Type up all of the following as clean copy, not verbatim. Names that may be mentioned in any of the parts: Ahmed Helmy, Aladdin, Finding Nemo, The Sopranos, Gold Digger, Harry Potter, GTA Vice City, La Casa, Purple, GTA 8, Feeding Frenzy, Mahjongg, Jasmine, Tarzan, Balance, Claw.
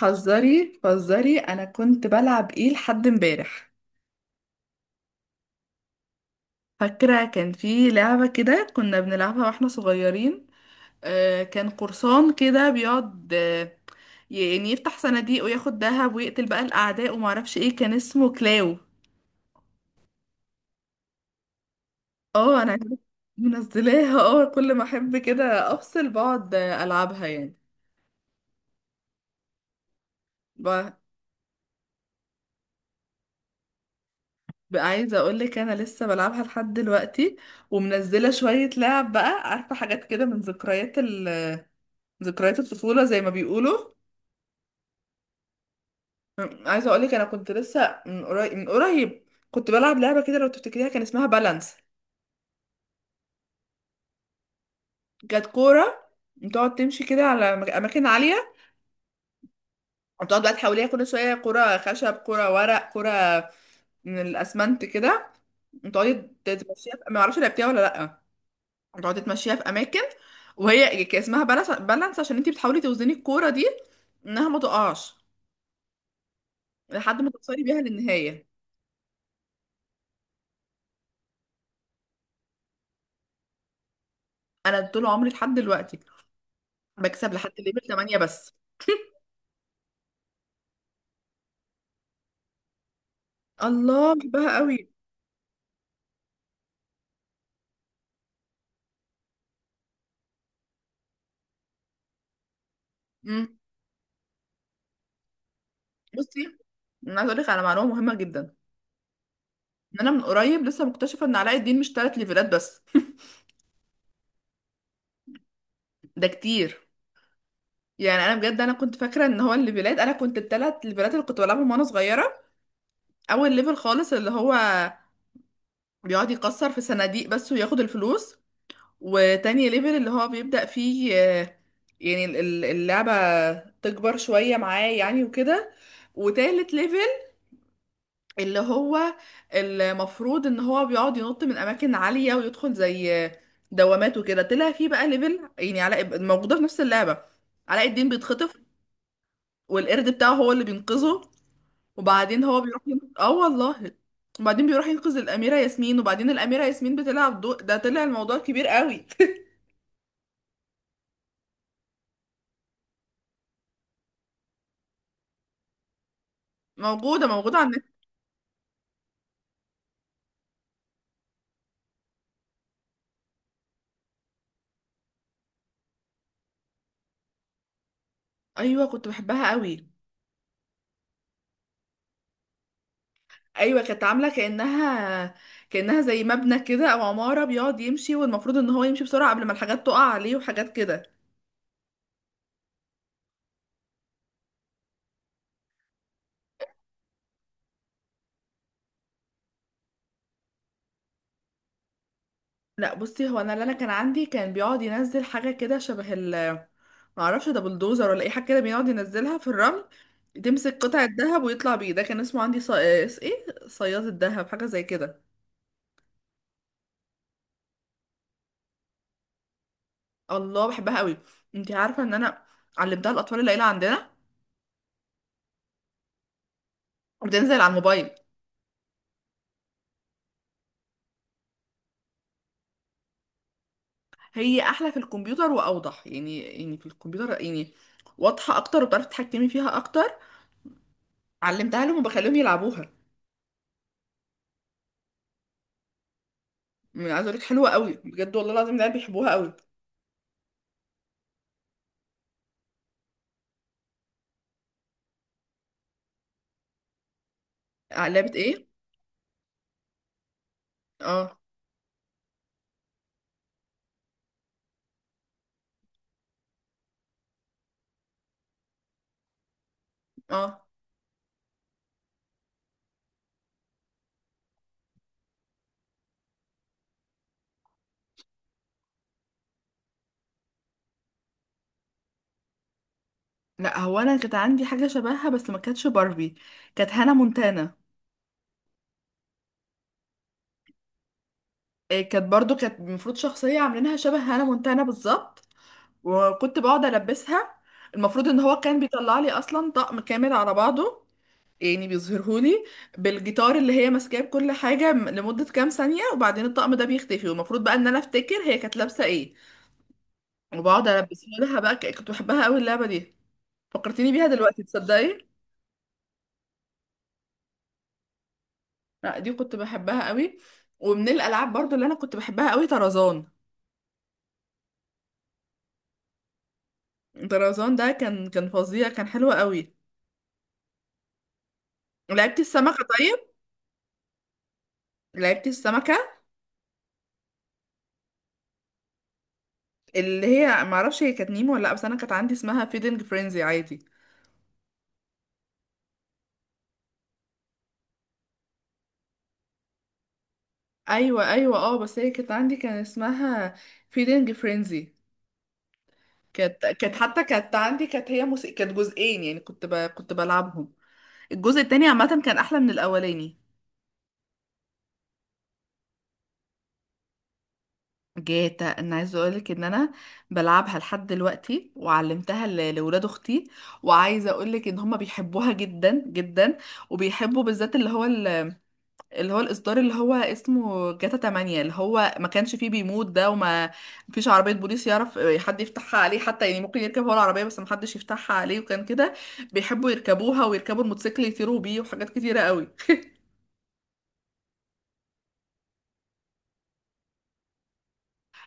حذري حذري انا كنت بلعب ايه لحد امبارح. فاكره كان في لعبه كده كنا بنلعبها واحنا صغيرين. كان قرصان كده بيقعد، يعني يفتح صناديق وياخد دهب ويقتل بقى الاعداء، وما اعرفش ايه كان اسمه، كلاو. اه انا عارفة، منزلاها. اه كل ما احب كده افصل بقعد العبها يعني. ب- بقى عايزه اقول لك انا لسه بلعبها لحد دلوقتي، ومنزله شويه لعب بقى، عارفه حاجات كده من ذكريات، ذكريات الطفولة زي ما بيقولوا. عايزة اقولك انا كنت لسه من قريب من قريب كنت بلعب لعبة كده، لو تفتكريها كان اسمها بالانس. كانت كورة بتقعد تمشي كده على اماكن عالية، وتقعد بقى تحوليها كل شوية كرة خشب، كرة ورق، كرة من الاسمنت كده، وتقعدي تمشيها ما اعرفش لعبتيها ولا لا، وتقعدي تمشيها في اماكن. وهي كان اسمها بالانس، بالانس عشان انتي بتحاولي توزني الكورة دي انها ما تقعش، لحد ما توصلي بيها للنهاية. انا طول عمري لحد دلوقتي بكسب لحد ليفل 8 بس. الله بحبها قوي. امم بصي، انا عايزه اقول لك على معلومه مهمه جدا، ان انا من قريب لسه مكتشفه ان علاء الدين مش ثلاث ليفلات بس. ده كتير. يعني انا بجد انا كنت فاكره ان هو الليفلات، انا كنت الثلاث ليفلات اللي كنت بلعبهم وانا صغيره. اول ليفل خالص اللي هو بيقعد يكسر في صناديق بس وياخد الفلوس. وتاني ليفل اللي هو بيبدأ فيه يعني اللعبه تكبر شويه معاه يعني وكده. وتالت ليفل اللي هو المفروض ان هو بيقعد ينط من اماكن عاليه ويدخل زي دوامات وكده، طلع فيه بقى ليفل يعني علاء موجوده في نفس اللعبه. علاء الدين بيتخطف والقرد بتاعه هو اللي بينقذه. وبعدين هو بيروح اه والله. وبعدين بيروح ينقذ الاميره ياسمين، وبعدين الاميره ياسمين بتلعب ده طلع الموضوع كبير قوي. موجوده، موجوده على النت. ايوه كنت بحبها قوي. ايوه كانت عامله كانها زي مبنى كده او عماره، بيقعد يمشي والمفروض ان هو يمشي بسرعه قبل ما الحاجات تقع عليه وحاجات كده. لا بصي، هو انا اللي انا كان عندي كان بيقعد ينزل حاجه كده شبه ما اعرفش ده بلدوزر ولا اي حاجه كده، بيقعد ينزلها في الرمل تمسك قطعه ذهب ويطلع بيه. ده كان اسمه عندي ايه، صياد الذهب حاجه زي كده. الله بحبها قوي. انتي عارفه ان انا علمتها الاطفال العيله عندنا، بتنزل على الموبايل. هي احلى في الكمبيوتر واوضح، يعني في الكمبيوتر يعني واضحه اكتر، وبتعرفي تتحكمي فيها اكتر. علمتها لهم وبخليهم يلعبوها. يعني عايزه اقول لك حلوه قوي بجد، والله العظيم العيال بيحبوها قوي. لعبه ايه؟ اه. اه. لا، هو انا كانت عندي حاجه شبهها بس ما كانتش باربي، كانت هانا مونتانا. إيه، كانت برضو كانت المفروض شخصيه عاملينها شبه هانا مونتانا بالظبط، وكنت بقعد البسها. المفروض ان هو كان بيطلع لي اصلا طقم كامل على بعضه، يعني بيظهرهولي بالجيتار اللي هي ماسكاه بكل حاجة لمدة كام ثانية، وبعدين الطقم ده بيختفي، والمفروض بقى ان انا افتكر هي كانت لابسة ايه، وبقعد البس لها بقى. كنت بحبها قوي اللعبة دي، فكرتيني بيها دلوقتي، تصدقي. لا دي كنت بحبها قوي. ومن الالعاب برضو اللي انا كنت بحبها قوي طرزان. طرزان ده كان فظيع، كان حلو قوي. لعبتي السمكة؟ طيب، لعبتي السمكة اللي هي معرفش هي كانت نيمو ولا لا، بس انا كانت عندي اسمها فيدنج فرينزي عادي. ايوه، ايوه، اه، بس هي كانت عندي كان اسمها فيلينج فرينزي. كانت حتى كانت عندي، كانت هي موسيقى، كانت جزئين يعني كنت كنت بلعبهم. الجزء التاني عامه كان احلى من الاولاني. جاتا، انا عايزه اقولك ان انا بلعبها لحد دلوقتي، وعلمتها لولاد اختي، وعايزه اقولك ان هما بيحبوها جدا جدا، وبيحبوا بالذات اللي هو، الإصدار اللي هو اسمه جاتا 8، اللي هو ما كانش فيه بيموت ده وما فيش عربية بوليس يعرف حد يفتحها عليه حتى. يعني ممكن يركب هو العربية بس ما حدش يفتحها عليه، وكان كده بيحبوا يركبوها ويركبوا الموتوسيكل يطيروا بيه وحاجات كتيرة قوي.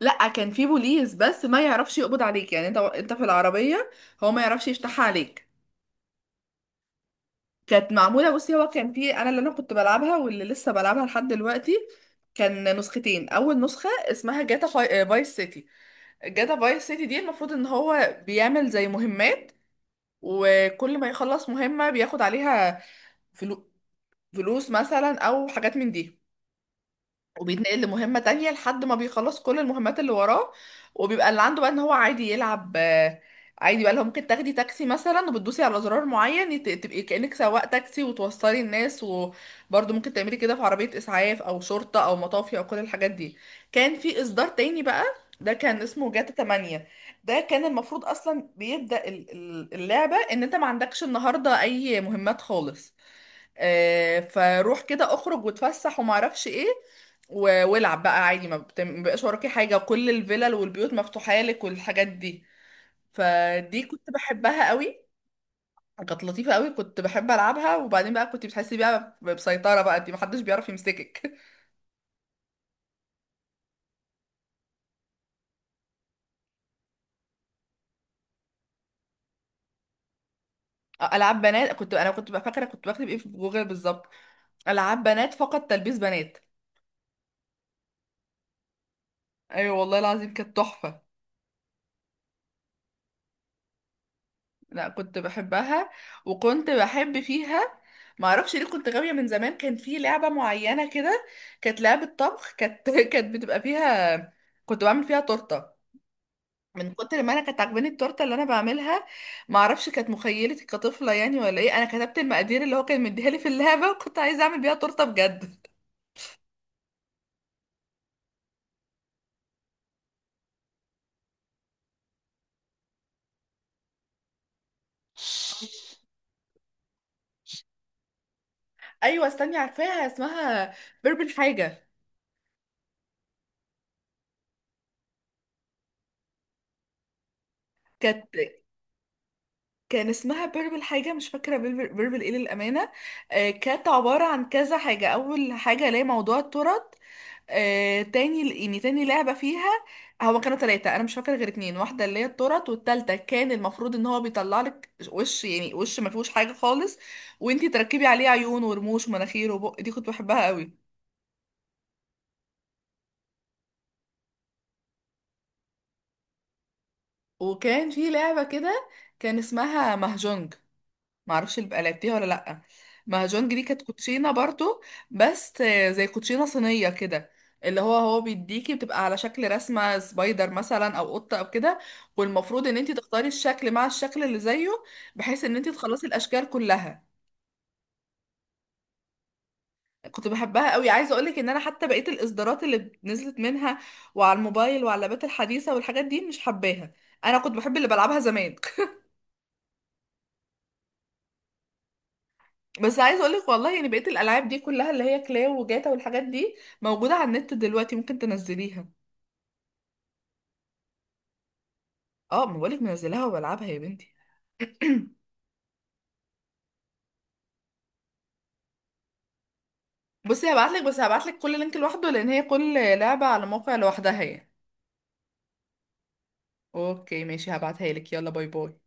لا كان فيه بوليس بس ما يعرفش يقبض عليك، يعني انت في العربية هو ما يعرفش يفتحها عليك. كانت معمولة، بصي هو كان فيه انا اللي انا كنت بلعبها واللي لسه بلعبها لحد دلوقتي، كان نسختين. اول نسخة اسمها جاتا فايس سيتي. جاتا فايس سيتي دي المفروض ان هو بيعمل زي مهمات، وكل ما يخلص مهمة بياخد عليها فلو... فلوس مثلا او حاجات من دي، وبيتنقل لمهمة تانية لحد ما بيخلص كل المهمات اللي وراه. وبيبقى اللي عنده بقى ان هو عادي يلعب، عادي بقى، لو ممكن تاخدي تاكسي مثلا وبتدوسي على زرار معين تبقي كأنك سواق تاكسي وتوصلي الناس، وبرضه ممكن تعملي كده في عربية إسعاف أو شرطة أو مطافي أو كل الحاجات دي. كان في إصدار تاني بقى، ده كان اسمه جاتا 8. ده كان المفروض أصلا بيبدأ اللعبة إن أنت ما عندكش النهاردة أي مهمات خالص، فروح كده اخرج واتفسح وما اعرفش ايه، والعب بقى عادي، ما ما بقاش وراكي حاجه، وكل الفلل والبيوت مفتوحه لك والحاجات دي. فدي كنت بحبها قوي، كانت لطيفه قوي، كنت بحب العبها. وبعدين بقى كنت بتحسي بقى بسيطره، بقى انت محدش بيعرف يمسكك. العاب بنات. كنت انا كنت بقى فاكره كنت بكتب ايه في جوجل بالظبط؟ العاب بنات فقط، تلبيس بنات. ايوه والله العظيم كانت تحفه. لا كنت بحبها، وكنت بحب فيها معرفش ليه، كنت غاوية من زمان. كان في لعبة معينة كده، كانت لعبة طبخ، كانت كانت بتبقى فيها كنت بعمل فيها تورتة. من كتر ما انا كانت عاجباني التورته اللي انا بعملها، معرفش كانت مخيلتي كطفله يعني ولا ايه، انا كتبت المقادير اللي هو كان مديها لي في اللعبه وكنت عايزه اعمل بيها تورته بجد. ايوه استني، عارفاها اسمها بيربل حاجه. كانت كان اسمها بيربل حاجة، مش فاكرة بيربل، بيربل ايه للأمانة. كانت عبارة عن كذا حاجة. أول حاجة اللي هي موضوع الترط، تاني يعني تاني لعبة فيها. هو كانوا تلاتة، أنا مش فاكرة غير اتنين. واحدة اللي هي الترط، والتالتة كان المفروض إن هو بيطلع لك وش، يعني وش ما فيهوش حاجة خالص، وانتي تركبي عليه عيون ورموش ومناخير وبق. دي كنت بحبها قوي. وكان في لعبة كده، كان اسمها مهجونج، معرفش اللي بقى لعبتيها ولا لأ. مهرجان دي كانت كوتشينة برضو، بس زي كوتشينة صينية كده، اللي هو بيديكي بتبقى على شكل رسمة سبايدر مثلا او قطة او كده، والمفروض ان انت تختاري الشكل مع الشكل اللي زيه، بحيث ان انت تخلصي الاشكال كلها. كنت بحبها قوي. عايزه اقولك ان انا حتى بقيه الاصدارات اللي نزلت منها وعلى الموبايل وعلى اللابات الحديثه والحاجات دي مش حباها، انا كنت بحب اللي بلعبها زمان. بس عايز اقولك والله، يعني بقية الالعاب دي كلها اللي هي كلاو وجاتا والحاجات دي موجودة على النت دلوقتي، ممكن تنزليها. اه ما بقولك منزلاها وبلعبها يا بنتي. بصي هبعتلك، بس هبعتلك كل لينك لوحده، لان هي كل لعبة على موقع لوحدها يعني. اوكي ماشي، هبعتها لك، يلا باي باي.